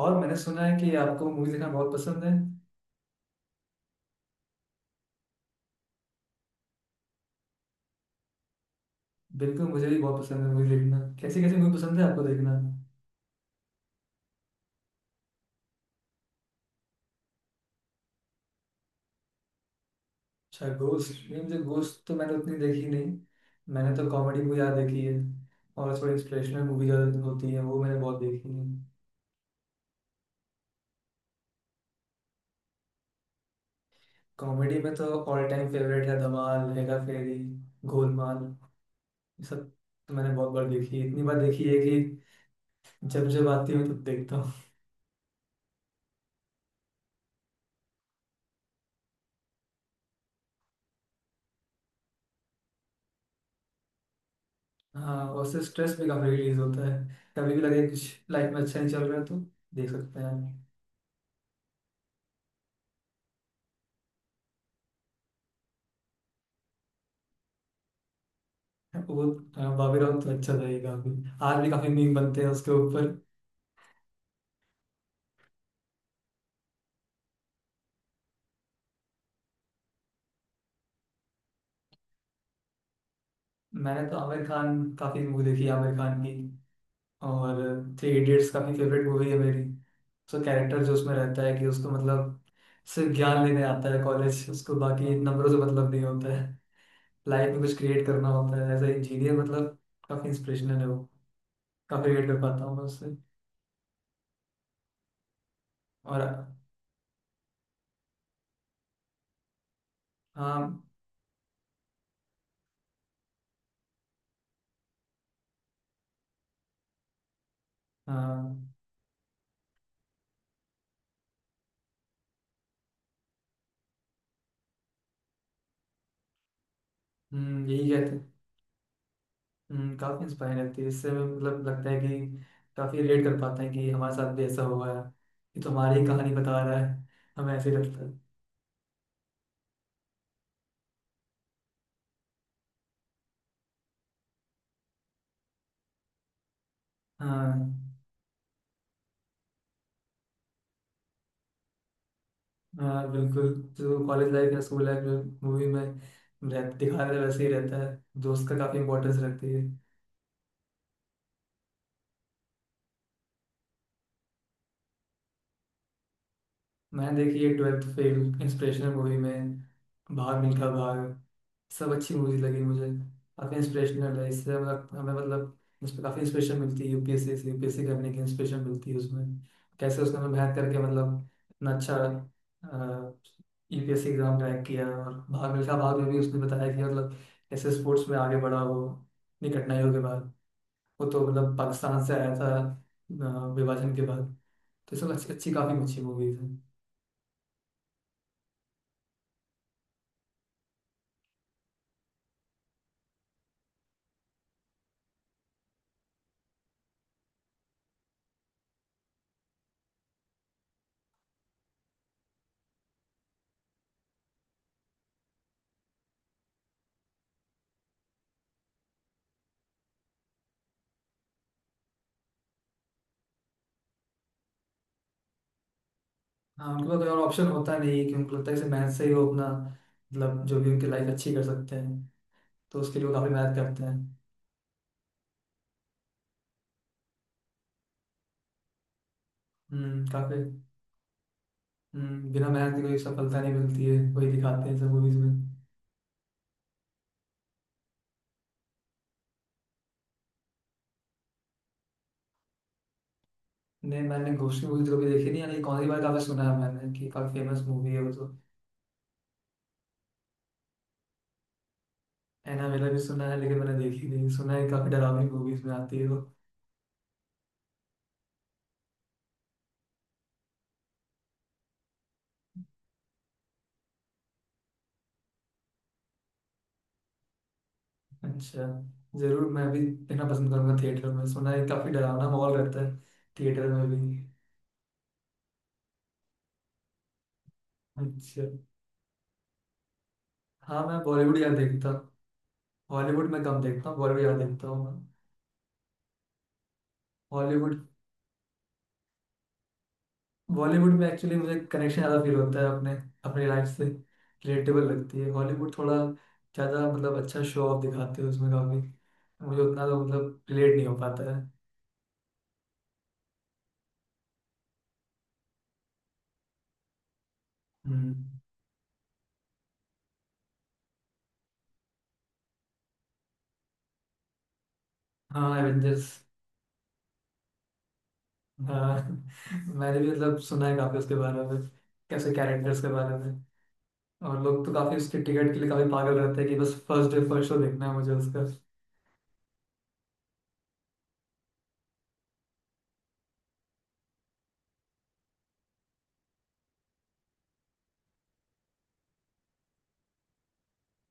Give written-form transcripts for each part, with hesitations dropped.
और मैंने सुना है कि आपको मूवी देखना बहुत पसंद है। बिल्कुल मुझे भी बहुत पसंद है मूवी देखना। कैसी कैसी मूवी पसंद है आपको देखना। अच्छा गोस्ट नहीं। मुझे गोस्ट तो मैंने उतनी देखी नहीं। मैंने तो कॉमेडी मूवी ज़्यादा देखी है। और थोड़ी इंस्पिरेशनल मूवी ज़्यादा होती है वो मैंने बहुत देखी है। कॉमेडी में तो ऑल टाइम फेवरेट है धमाल, हेरा फेरी, गोलमाल, ये सब तो मैंने बहुत बार देखी है। इतनी बार देखी है कि जब जब आती हूँ तब देखता हूँ। हाँ और उससे स्ट्रेस भी काफ़ी रिलीज होता है। कभी भी लगे कुछ लाइफ में अच्छा नहीं चल रहा है तो देख सकते हैं। वो बॉबी राउंड तो अच्छा था ये काफी। आज भी काफी मीम बनते हैं उसके ऊपर। मैंने तो आमिर खान काफी मूवी देखी है, आमिर खान की। और थ्री इडियट्स काफी फेवरेट मूवी है मेरी। उसका कैरेक्टर जो उसमें रहता है कि उसको मतलब सिर्फ ज्ञान लेने आता है कॉलेज, उसको बाकी नंबरों से मतलब नहीं होता है। लाइफ में कुछ क्रिएट करना होता है एज ए इंजीनियर, मतलब काफी इंस्पिरेशनल है वो। काफी रिलेट कर पाता हूँ मैं उससे। और हाँ। हाँ। यही कहते। काफी इंस्पायरिंग लगती है इससे। मतलब लगता है कि काफी रिलेट कर पाते हैं कि हमारे साथ भी ऐसा हुआ है। ये तो हमारी ही कहानी बता रहा है। हमें ऐसे ही लगता है। हाँ। हाँ बिल्कुल। जो कॉलेज लाइफ या स्कूल लाइफ में मूवी में दिखा रहे वैसे ही रहता है। दोस्त का काफी इंपॉर्टेंस रखती है। मैंने देखी है ट्वेल्थ फेल इंस्पिरेशनल मूवी में। भाग मिल्खा भाग। सब अच्छी मूवीज लगी मुझे। काफ़ी इंस्पिरेशनल है इससे मतलब। हमें मतलब उसमें काफ़ी इंस्पिरेशन मिलती है। यूपीएससी से यूपीएससी करने की इंस्पिरेशन मिलती है उसमें। कैसे उसने हमें मेहनत करके मतलब इतना अच्छा यूपीएससी एग्जाम क्रैक किया। और भाग मिल्खा भाग में भी उसने बताया कि मतलब कैसे स्पोर्ट्स में आगे बढ़ा वो, इतनी कठिनाइयों के बाद। वो तो मतलब पाकिस्तान से आया था विभाजन के बाद। तो सब अच्छी अच्छी काफ़ी अच्छी मूवीज हैं। हाँ उनके पास कोई और ऑप्शन होता नहीं है। कि उनको लगता है कि सिर्फ मेहनत से ही वो अपना मतलब जो भी उनकी लाइफ अच्छी कर सकते हैं, तो उसके लिए वो काफी मेहनत करते हैं। काफी। बिना मेहनत के कोई सफलता नहीं मिलती है। वही दिखाते हैं सब मूवीज में। नहीं, मैंने गोश्ती मूवी तो कभी देखी नहीं। यानी कौन सी बार काफी सुना है मैंने कि काफी फेमस मूवी है वो तो। एनाबेला भी सुना है लेकिन मैंने देखी नहीं। सुना है काफी डरावनी मूवीज में आती है वो। अच्छा। जरूर मैं भी देखना पसंद करूंगा। थिएटर में सुना है काफी डरावना माहौल रहता है थिएटर में भी। अच्छा। हाँ मैं बॉलीवुड यार देखता हूँ। हॉलीवुड में कम देखता हूँ, बॉलीवुड यार देखता हूँ मैं। हॉलीवुड। बॉलीवुड में एक्चुअली मुझे कनेक्शन ज़्यादा फील होता है अपने, अपनी लाइफ से रिलेटेबल लगती है। हॉलीवुड थोड़ा ज़्यादा मतलब अच्छा शो ऑफ दिखाते हैं उसमें काफ़ी। मुझे उतना तो मतलब रिलेट नहीं हो पाता है। हम्म। हाँ एवेंजर्स। हाँ मैंने भी मतलब सुना है काफ़ी उसके बारे में, कैसे कैरेक्टर्स के बारे में। और लोग तो काफ़ी उसके टिकट के लिए काफ़ी पागल रहते हैं कि बस फर्स्ट डे फर्स्ट शो देखना है मुझे उसका।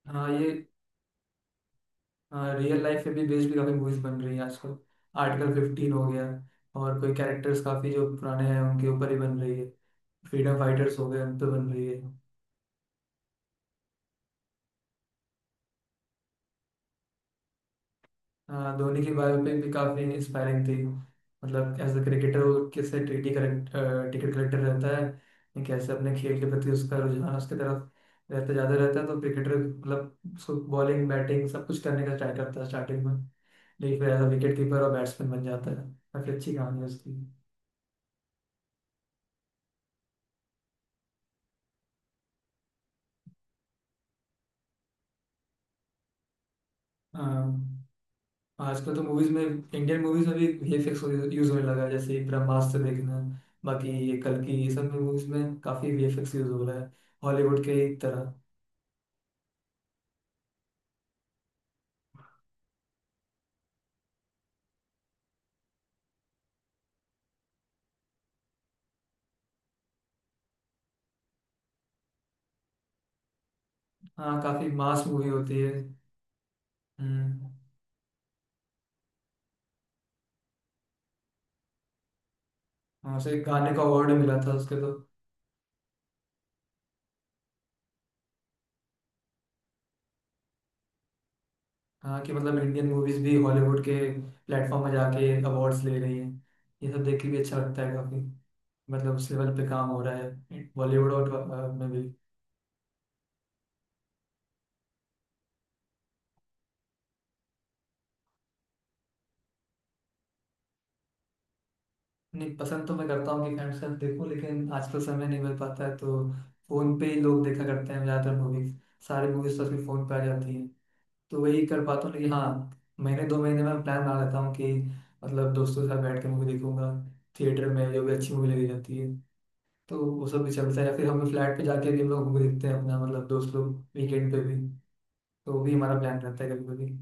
हाँ ये। हाँ रियल लाइफ पे भी बेस्ड भी काफी मूवीज बन रही है आजकल। आर्टिकल फिफ्टीन हो गया। और कोई कैरेक्टर्स काफी जो पुराने हैं उनके ऊपर ही बन रही है। फ्रीडम फाइटर्स हो गए उन पे बन रही है। हाँ धोनी की बायोपिक भी काफी इंस्पायरिंग थी। मतलब एज अ क्रिकेटर, वो कैसे टिकट टिकट कलेक्टर रहता है। या कैसे अपने खेल के प्रति उसका रुझान उसकी तरफ रहता, ज्यादा रहता है। तो क्रिकेटर मतलब उसको बॉलिंग बैटिंग सब कुछ करने का ट्राई करता है स्टार्टिंग में। लेकिन फिर एज अ विकेट कीपर और बैट्समैन बन जाता है। काफी अच्छी कहानी है उसकी। हाँ आजकल तो मूवीज में, इंडियन मूवीज में भी वीएफएक्स यूज होने लगा है। जैसे ब्रह्मास्त्र देखना, बाकी ये कल्कि, ये सब में मूवीज में काफी वीएफएक्स यूज हो रहा है, हॉलीवुड के एक तरह। हाँ काफी मास मूवी होती है। हम्म। हाँ उसे गाने का अवार्ड मिला था उसके तो। हाँ कि मतलब इंडियन मूवीज भी हॉलीवुड के प्लेटफॉर्म में जाके अवार्ड्स ले रही हैं। ये सब देख के भी अच्छा लगता है काफी। मतलब उस लेवल पे काम हो रहा है बॉलीवुड और में भी। नहीं, पसंद तो मैं करता हूँ कि फ्रेंड्स के साथ देखूं। लेकिन आजकल समय नहीं मिल पाता है तो फोन पे ही लोग देखा करते हैं ज्यादातर मूवीज। सारी मूवीज तो आजकल फोन पे आ जाती हैं, तो वही कर पाता हूँ। लेकिन हाँ, महीने दो महीने में प्लान बना लेता हूँ कि मतलब दोस्तों के साथ बैठ के मूवी देखूंगा। थिएटर में जो भी अच्छी मूवी लगी जाती है तो वो सब भी चलता है। या फिर हम फ्लैट पे जाके भी हम लोग मूवी देखते हैं अपना, मतलब दोस्त लोग वीकेंड पे भी। तो वो भी हमारा प्लान रहता है कभी कभी।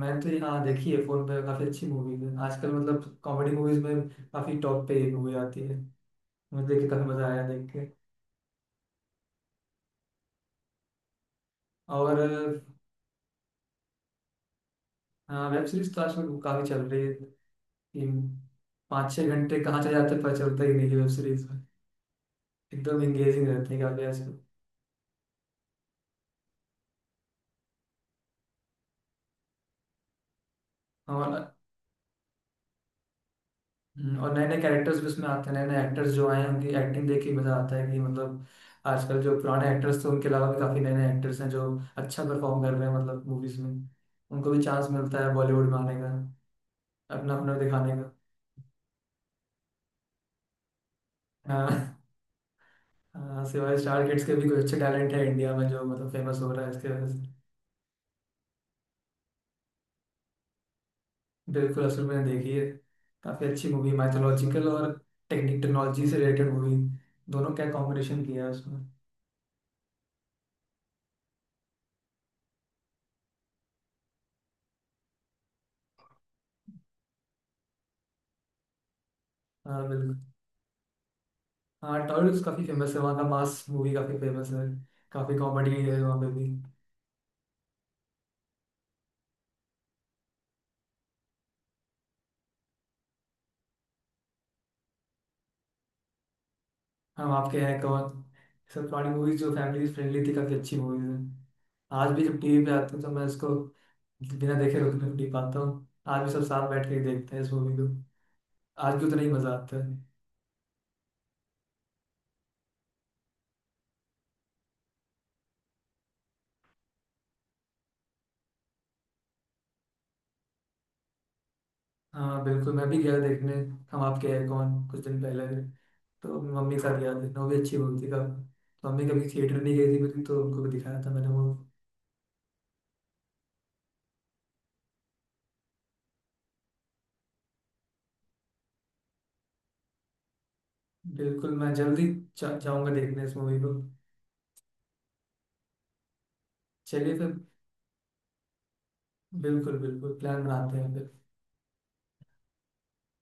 मैंने तो ये हाँ देखी है फोन पे। काफी अच्छी मूवीज है आजकल, मतलब कॉमेडी मूवीज में काफी टॉप पे ये मूवी आती है। मुझे देख के काफी मजा आया देख के। और हाँ, वेब सीरीज तो आजकल काफी चल रही है। तीन पाँच छह घंटे कहाँ चले जाते हैं पता चलता ही नहीं है वेब सीरीज में। एकदम एंगेजिंग रहते हैं काफी आजकल। और और नए नए कैरेक्टर्स भी उसमें आते हैं। नए नए एक्टर्स जो आए हैं उनकी एक्टिंग देख के मजा आता है। कि मतलब आजकल जो पुराने एक्टर्स थे उनके अलावा भी काफी नए नए एक्टर्स हैं जो अच्छा परफॉर्म कर रहे हैं, मतलब मूवीज में। उनको भी चांस मिलता है बॉलीवुड में आने का, अपना अपना दिखाने का। हाँ। हाँ, सिवाय स्टार किड्स के भी कुछ अच्छे टैलेंट है इंडिया में जो मतलब फेमस हो रहा है इसके वजह से। बिल्कुल असल मैंने देखी है। काफी अच्छी मूवी, माइथोलॉजिकल और टेक्निक टेक्नोलॉजी से रिलेटेड मूवी, दोनों का कॉम्बिनेशन किया है उसमें। हाँ बिल्कुल। हाँ टॉलीवुड तो काफी फेमस है। वहाँ का मास मूवी काफी फेमस है। काफी कॉमेडी है वहाँ पे भी। हम आपके हैं कौन, सब पुरानी मूवीज जो फैमिली फ्रेंडली थी काफी अच्छी मूवीज है। आज भी जब टीवी पे आती है तो मैं इसको बिना देखे रुक नहीं नहीं पाता हूँ। आज भी सब साथ बैठ के ही देखते हैं इस मूवी को। आज भी उतना ही मजा आता है। हाँ बिल्कुल मैं भी गया देखने। हम आपके हैं कौन कुछ दिन पहले। तो मम्मी के साथ गया देखना, वो भी अच्छी मूवी थी काफी तो। मम्मी कभी थिएटर नहीं गई थी मेरी, तो उनको भी दिखाया था मैंने वो। बिल्कुल मैं जल्दी जाऊंगा देखने इस मूवी को। चलिए फिर। बिल्कुल बिल्कुल प्लान बनाते हैं फिर।